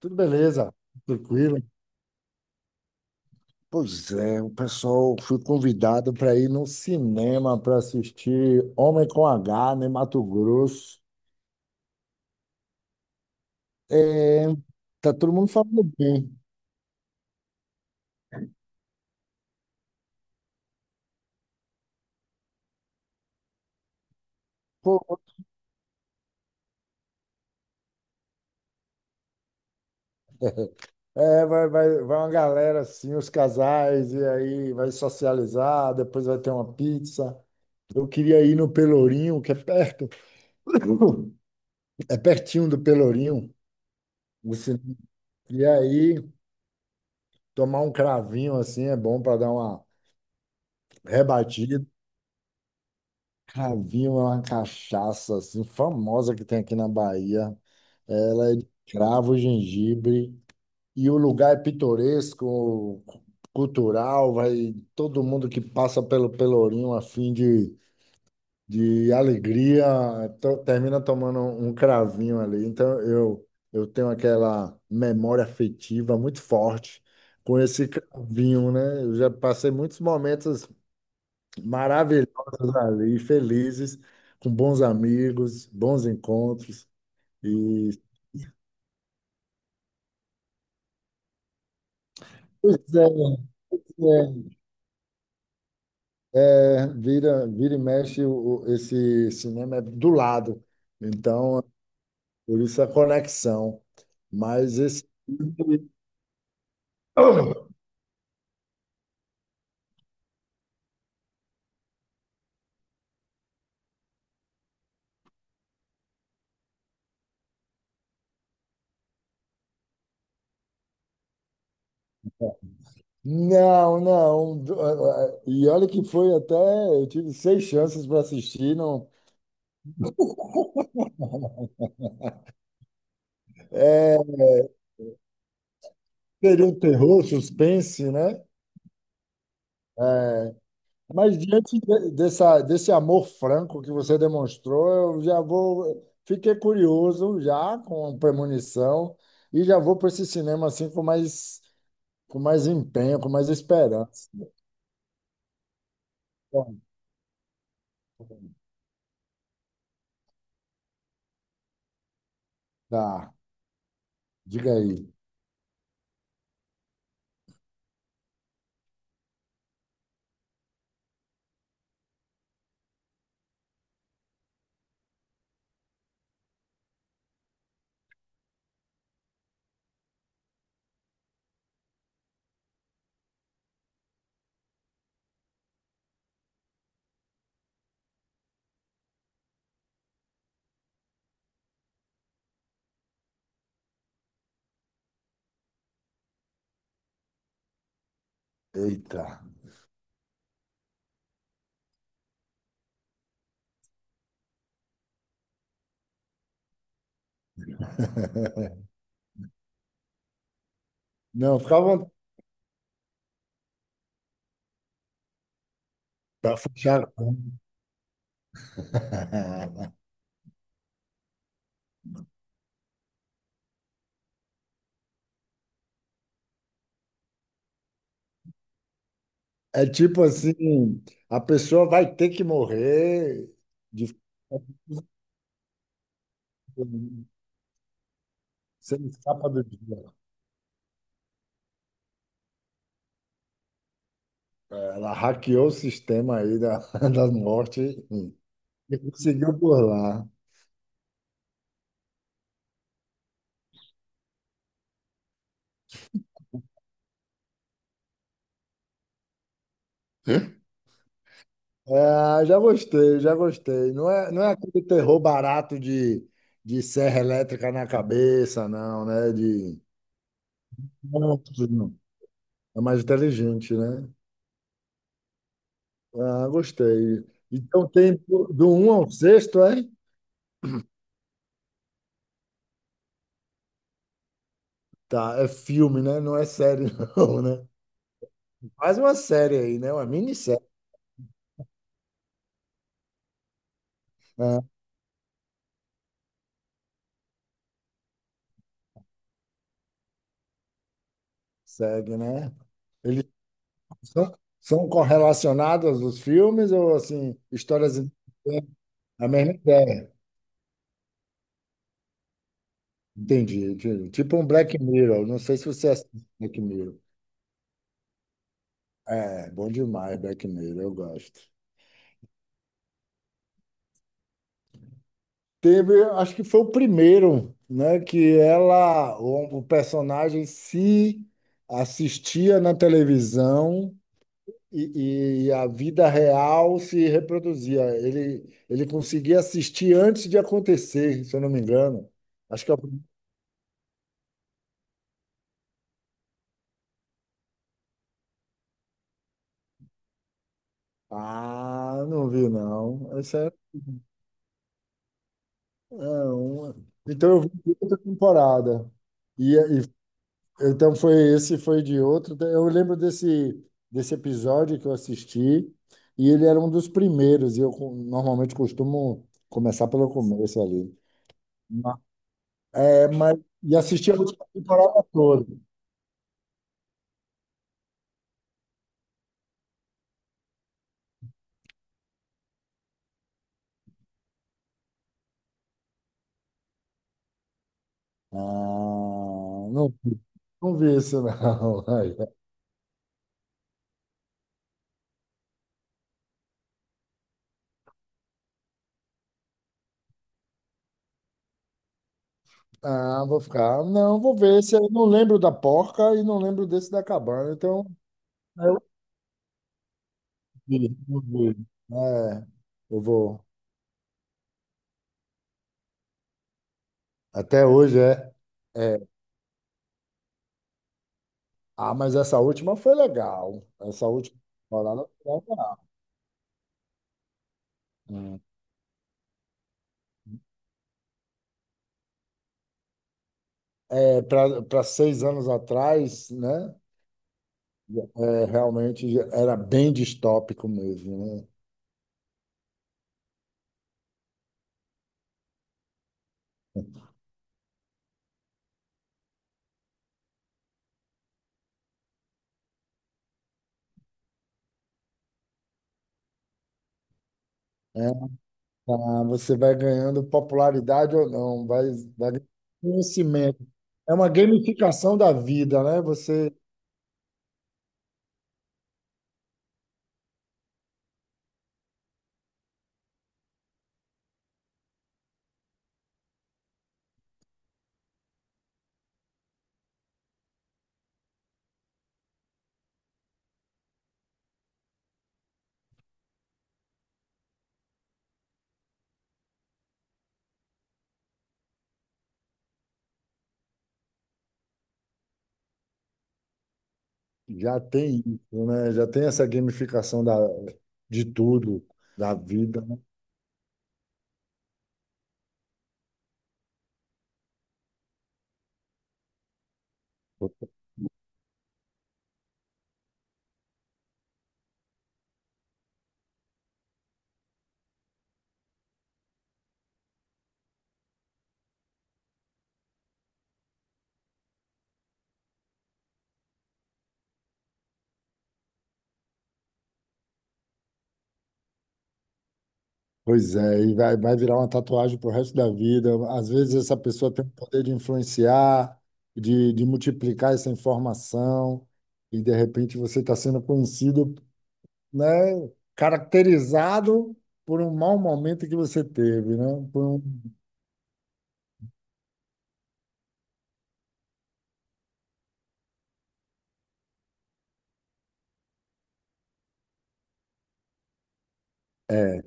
Tudo beleza? Tranquilo? Pois é, o pessoal fui convidado para ir no cinema para assistir Homem com H, né, Mato Grosso. É, tá todo mundo falando bem. Pô, é, vai uma galera assim, os casais, e aí vai socializar, depois vai ter uma pizza. Eu queria ir no Pelourinho, que é perto. É pertinho do Pelourinho, o cinema. E aí, tomar um cravinho assim é bom para dar uma rebatida. Cravinho é uma cachaça assim, famosa que tem aqui na Bahia. Ela é de cravo, gengibre, e o lugar é pitoresco, cultural, vai todo mundo que passa pelo Pelourinho a fim de alegria, termina tomando um cravinho ali. Então eu tenho aquela memória afetiva muito forte com esse cravinho, né? Eu já passei muitos momentos maravilhosas ali, felizes, com bons amigos, bons encontros. E, pois é, é, é, vira, esse cinema é do lado. Então, por isso a conexão. Mas esse. Não, não. do- ah, ah, E olha que foi até. Eu tive seis chances para assistir. Não, é, seria um terror, suspense, né? É, mas dessa, desse amor franco que você demonstrou, eu já vou. Fiquei curioso já com premonição e já vou para esse cinema assim com mais empenho, com mais esperança. Bom. Tá, diga aí. Eita. Não, fica à vontade. Pra fechar a conta. É tipo assim, a pessoa vai ter que morrer de... você não escapa do dia. Ela hackeou o sistema aí da, da morte e conseguiu burlar. É, já gostei, já gostei. Não é, não é aquele terror barato de serra elétrica na cabeça, não, né? De... Não, não. É mais inteligente, né? Ah, gostei. Então tem do um ao sexto, é? Tá, é filme, né? Não é série, não, né? Faz uma série aí, né? Uma minissérie. Ah, segue, né? Ele São, são correlacionadas os filmes ou assim, histórias independentes? A mesma ideia? Entendi, entendi. Tipo um Black Mirror. Não sei se você assiste Black Mirror. É, bom demais, Black Mirror, eu gosto. Teve, acho que foi o primeiro, né, que ela, o personagem se assistia na televisão e a vida real se reproduzia. Ele conseguia assistir antes de acontecer, se eu não me engano. Acho que é o... Ah, não vi não. Essa é, é uma... Então eu vi de outra temporada. E, e- então foi esse, foi de outro. Eu lembro desse, desse episódio que eu assisti e ele era um dos primeiros. E normalmente costumo começar pelo começo ali. Ma- É, mas e assisti a última temporada toda. Ah, não, vi- não vi isso não. Ah, vou ficar. Não, vou ver se eu não lembro da porca e não lembro desse da cabana. Então Eu eu vi. É, eu vou. Até hoje é, é. Ah, mas essa última foi legal. Essa última temporada foi legal. Hum. É, para 6 anos atrás, né? É, realmente era bem distópico mesmo, né? É, tá, você vai ganhando popularidade ou não, vai, vai ganhando conhecimento. É uma gamificação da vida, né? Você já tem isso, né? Já tem essa gamificação da, de tudo, da vida, né? Pois é, e vai, vai virar uma tatuagem pro resto da vida. Às vezes essa pessoa tem o poder de influenciar, de multiplicar essa informação, e de repente você está sendo conhecido, né? Caracterizado por um mau momento que você teve, né? Por um, é,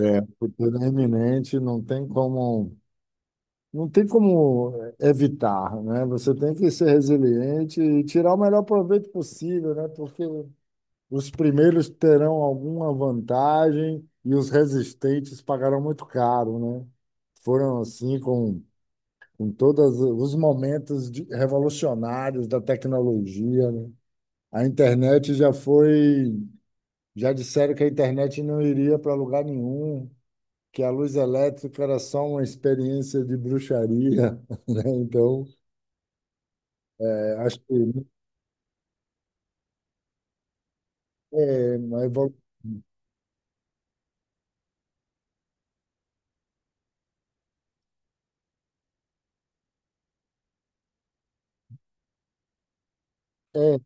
é, por tudo é iminente, não tem como. Não tem como evitar, né? Você tem que ser resiliente e tirar o melhor proveito possível, né? Porque os primeiros terão alguma vantagem e os resistentes pagarão muito caro, né? Foram assim com todos os revolucionários da tecnologia, né? A internet já foi, já disseram que a internet não iria para lugar nenhum, que a luz elétrica era só uma experiência de bruxaria, né? Então, é, acho que é, é,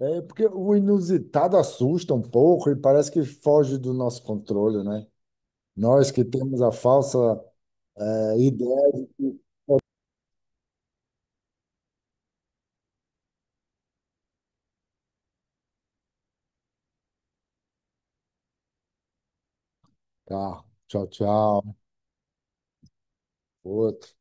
é porque o inusitado assusta um pouco e parece que foge do nosso controle, né? Nós que temos a falsa, é, ideia de que, tá, tchau, tchau, outro.